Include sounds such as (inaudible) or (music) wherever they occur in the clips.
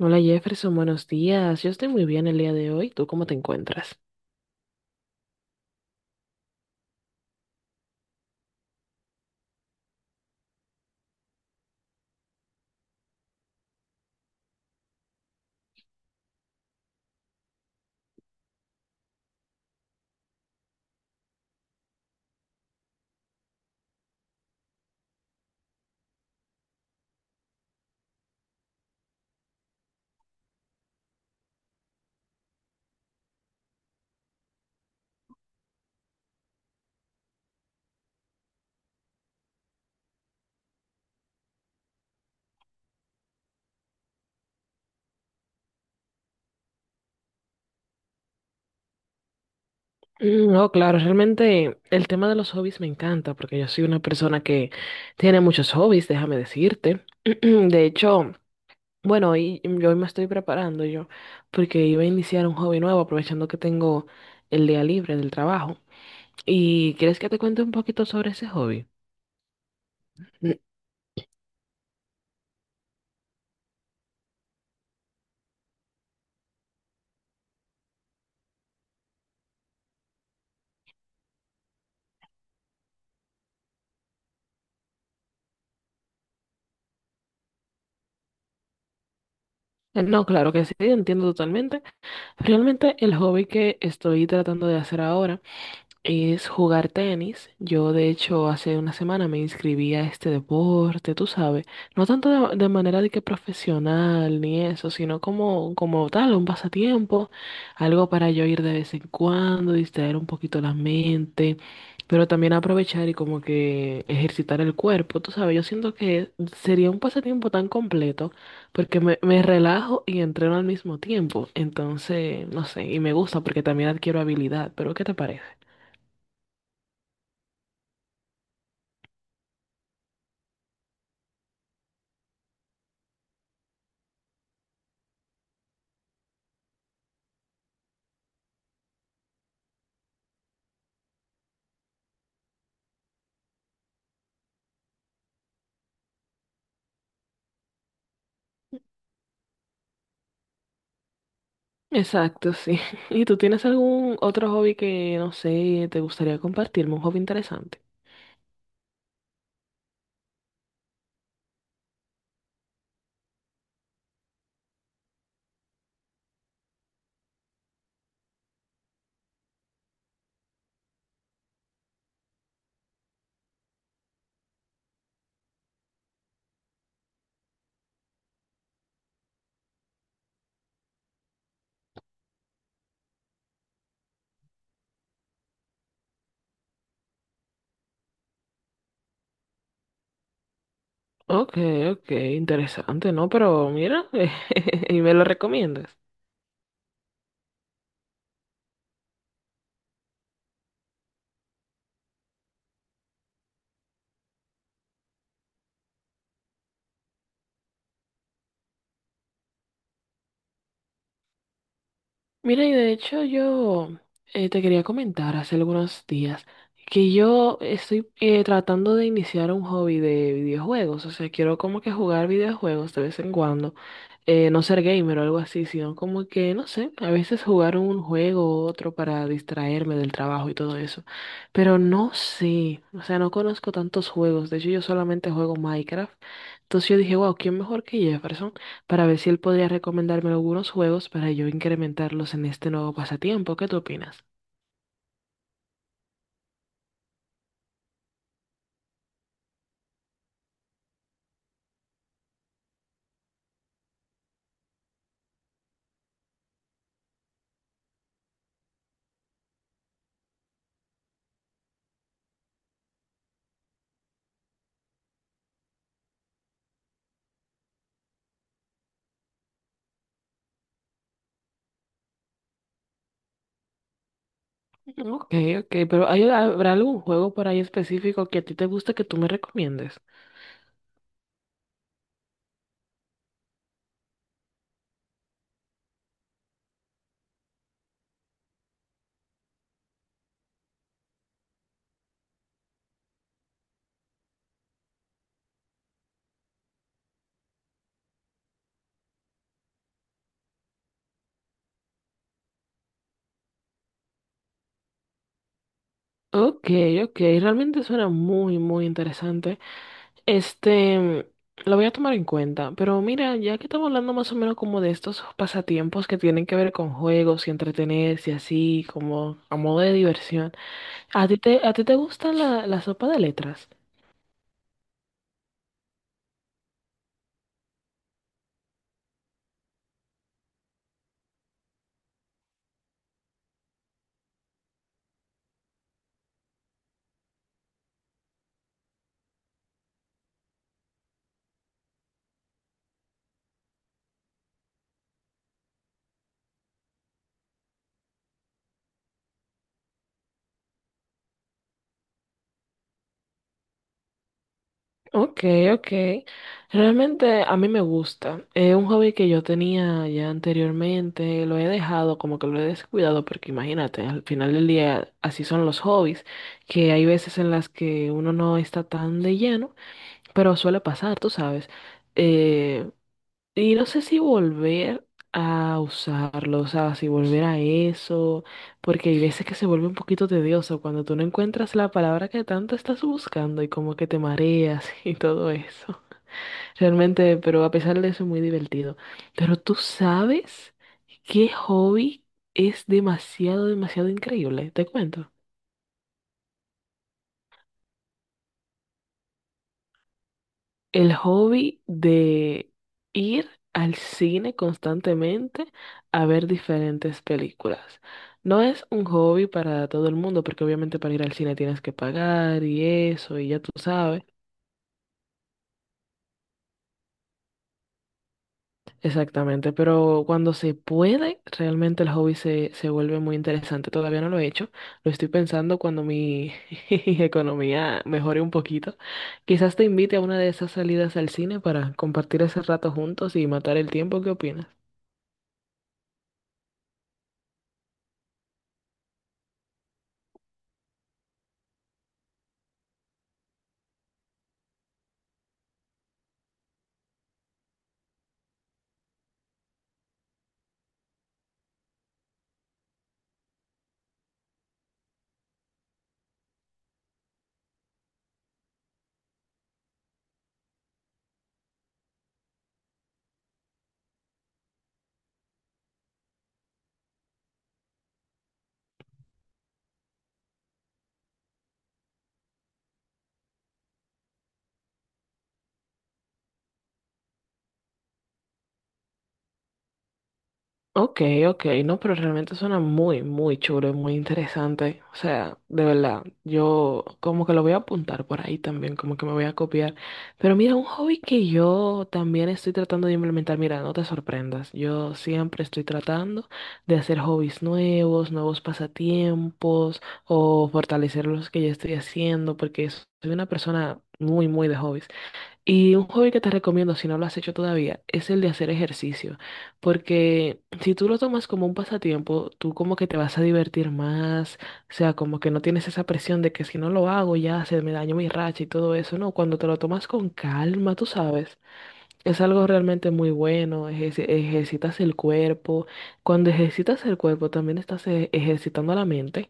Hola Jefferson, buenos días. Yo estoy muy bien el día de hoy. ¿Tú cómo te encuentras? Mm, no, claro, realmente el tema de los hobbies me encanta porque yo soy una persona que tiene muchos hobbies, déjame decirte. (clears throat) De hecho, bueno, hoy, yo hoy me estoy preparando yo porque iba a iniciar un hobby nuevo aprovechando que tengo el día libre del trabajo. ¿Y quieres que te cuente un poquito sobre ese hobby? Mm, no, claro que sí, entiendo totalmente. Realmente el hobby que estoy tratando de hacer ahora es jugar tenis. Yo, de hecho, hace una semana me inscribí a este deporte, tú sabes, no tanto de manera de que profesional ni eso, sino como, como tal, un pasatiempo, algo para yo ir de vez en cuando, distraer un poquito la mente, pero también aprovechar y como que ejercitar el cuerpo, tú sabes, yo siento que sería un pasatiempo tan completo porque me relajo y entreno al mismo tiempo, entonces, no sé, y me gusta porque también adquiero habilidad, pero ¿qué te parece? Exacto, sí. (laughs) ¿Y tú tienes algún otro hobby que, no sé, te gustaría compartirme? Un hobby interesante. Ok, ok, interesante, ¿no? Pero mira, (laughs) ¿y me lo recomiendas? Mira, y de hecho yo te quería comentar hace algunos días que yo estoy tratando de iniciar un hobby de videojuegos, o sea, quiero como que jugar videojuegos de vez en cuando, no ser gamer o algo así, sino como que, no sé, a veces jugar un juego u otro para distraerme del trabajo y todo eso, pero no sé, o sea, no conozco tantos juegos, de hecho yo solamente juego Minecraft, entonces yo dije, wow, ¿quién mejor que Jefferson para ver si él podría recomendarme algunos juegos para yo incrementarlos en este nuevo pasatiempo? ¿Qué tú opinas? Mm, ok, ok, pero ¿habrá algún juego por ahí específico que a ti te guste que tú me recomiendes? Ok, ok, realmente suena muy, muy interesante. Este, mm, lo voy a tomar en cuenta, pero mira, ya que estamos hablando más o menos como de estos pasatiempos que tienen que ver con juegos y entretenerse y así, como a modo de diversión, ¿a ti te gusta la sopa de letras? Ok, ok. Realmente a mí me gusta. Es un hobby que yo tenía ya anteriormente, lo he dejado, como que lo he descuidado, porque imagínate, al final del día así son los hobbies, que hay veces en las que uno no está tan de lleno, pero suele pasar, tú sabes. Eh, y no sé si volver a usarlo, o sea, si volver a eso, porque hay veces que se vuelve un poquito tedioso cuando tú no encuentras la palabra que tanto estás buscando y como que te mareas (laughs) y todo eso. Realmente, pero a pesar de eso, es muy divertido. Pero tú sabes qué hobby es demasiado, demasiado increíble, te cuento. El hobby de ir al cine constantemente a ver diferentes películas. No es un hobby para todo el mundo, porque obviamente para ir al cine tienes que pagar y eso, y ya tú sabes. Exactamente, pero cuando se puede, realmente el hobby se vuelve muy interesante. Todavía no lo he hecho, lo estoy pensando cuando mi (laughs) economía mejore un poquito. Quizás te invite a una de esas salidas al cine para compartir ese rato juntos y matar el tiempo. ¿Qué opinas? Ok, ok, no, pero realmente suena muy, muy chulo y muy interesante. O sea, de verdad, yo como que lo voy a apuntar por ahí también, como que me voy a copiar. Pero mira, un hobby que yo también estoy tratando de implementar, mira, no te sorprendas, yo siempre estoy tratando de hacer hobbies nuevos, nuevos pasatiempos o fortalecer los que ya estoy haciendo, porque soy una persona muy, muy de hobbies. Y un hobby que te recomiendo, si no lo has hecho todavía, es el de hacer ejercicio. Porque si tú lo tomas como un pasatiempo, tú como que te vas a divertir más. O sea, como que no tienes esa presión de que si no lo hago ya se me dañó mi racha y todo eso. No, cuando te lo tomas con calma, tú sabes. Es algo realmente muy bueno. Ejerci- ejercitas el cuerpo. Cuando ejercitas el cuerpo, también estás ejercitando la mente.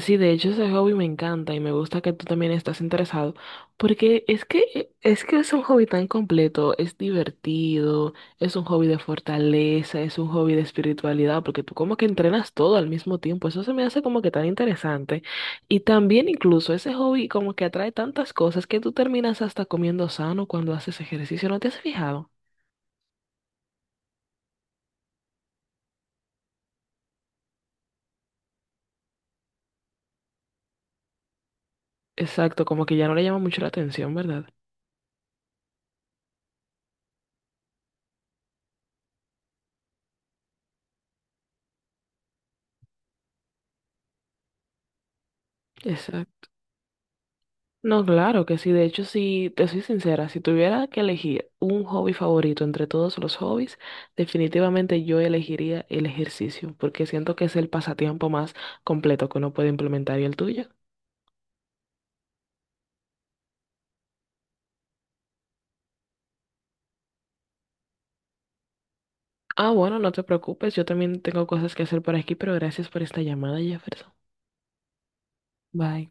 Sí, de hecho ese hobby me encanta y me gusta que tú también estás interesado, porque es que es un hobby tan completo, es divertido, es un hobby de fortaleza, es un hobby de espiritualidad, porque tú como que entrenas todo al mismo tiempo, eso se me hace como que tan interesante. Y también incluso ese hobby como que atrae tantas cosas que tú terminas hasta comiendo sano cuando haces ejercicio, ¿no te has fijado? Exacto, como que ya no le llama mucho la atención, ¿verdad? Exacto. No, claro que sí. De hecho, si te soy sincera, si tuviera que elegir un hobby favorito entre todos los hobbies, definitivamente yo elegiría el ejercicio, porque siento que es el pasatiempo más completo que uno puede implementar y el tuyo. Ah, bueno, no te preocupes, yo también tengo cosas que hacer por aquí, pero gracias por esta llamada, Jefferson. Bye.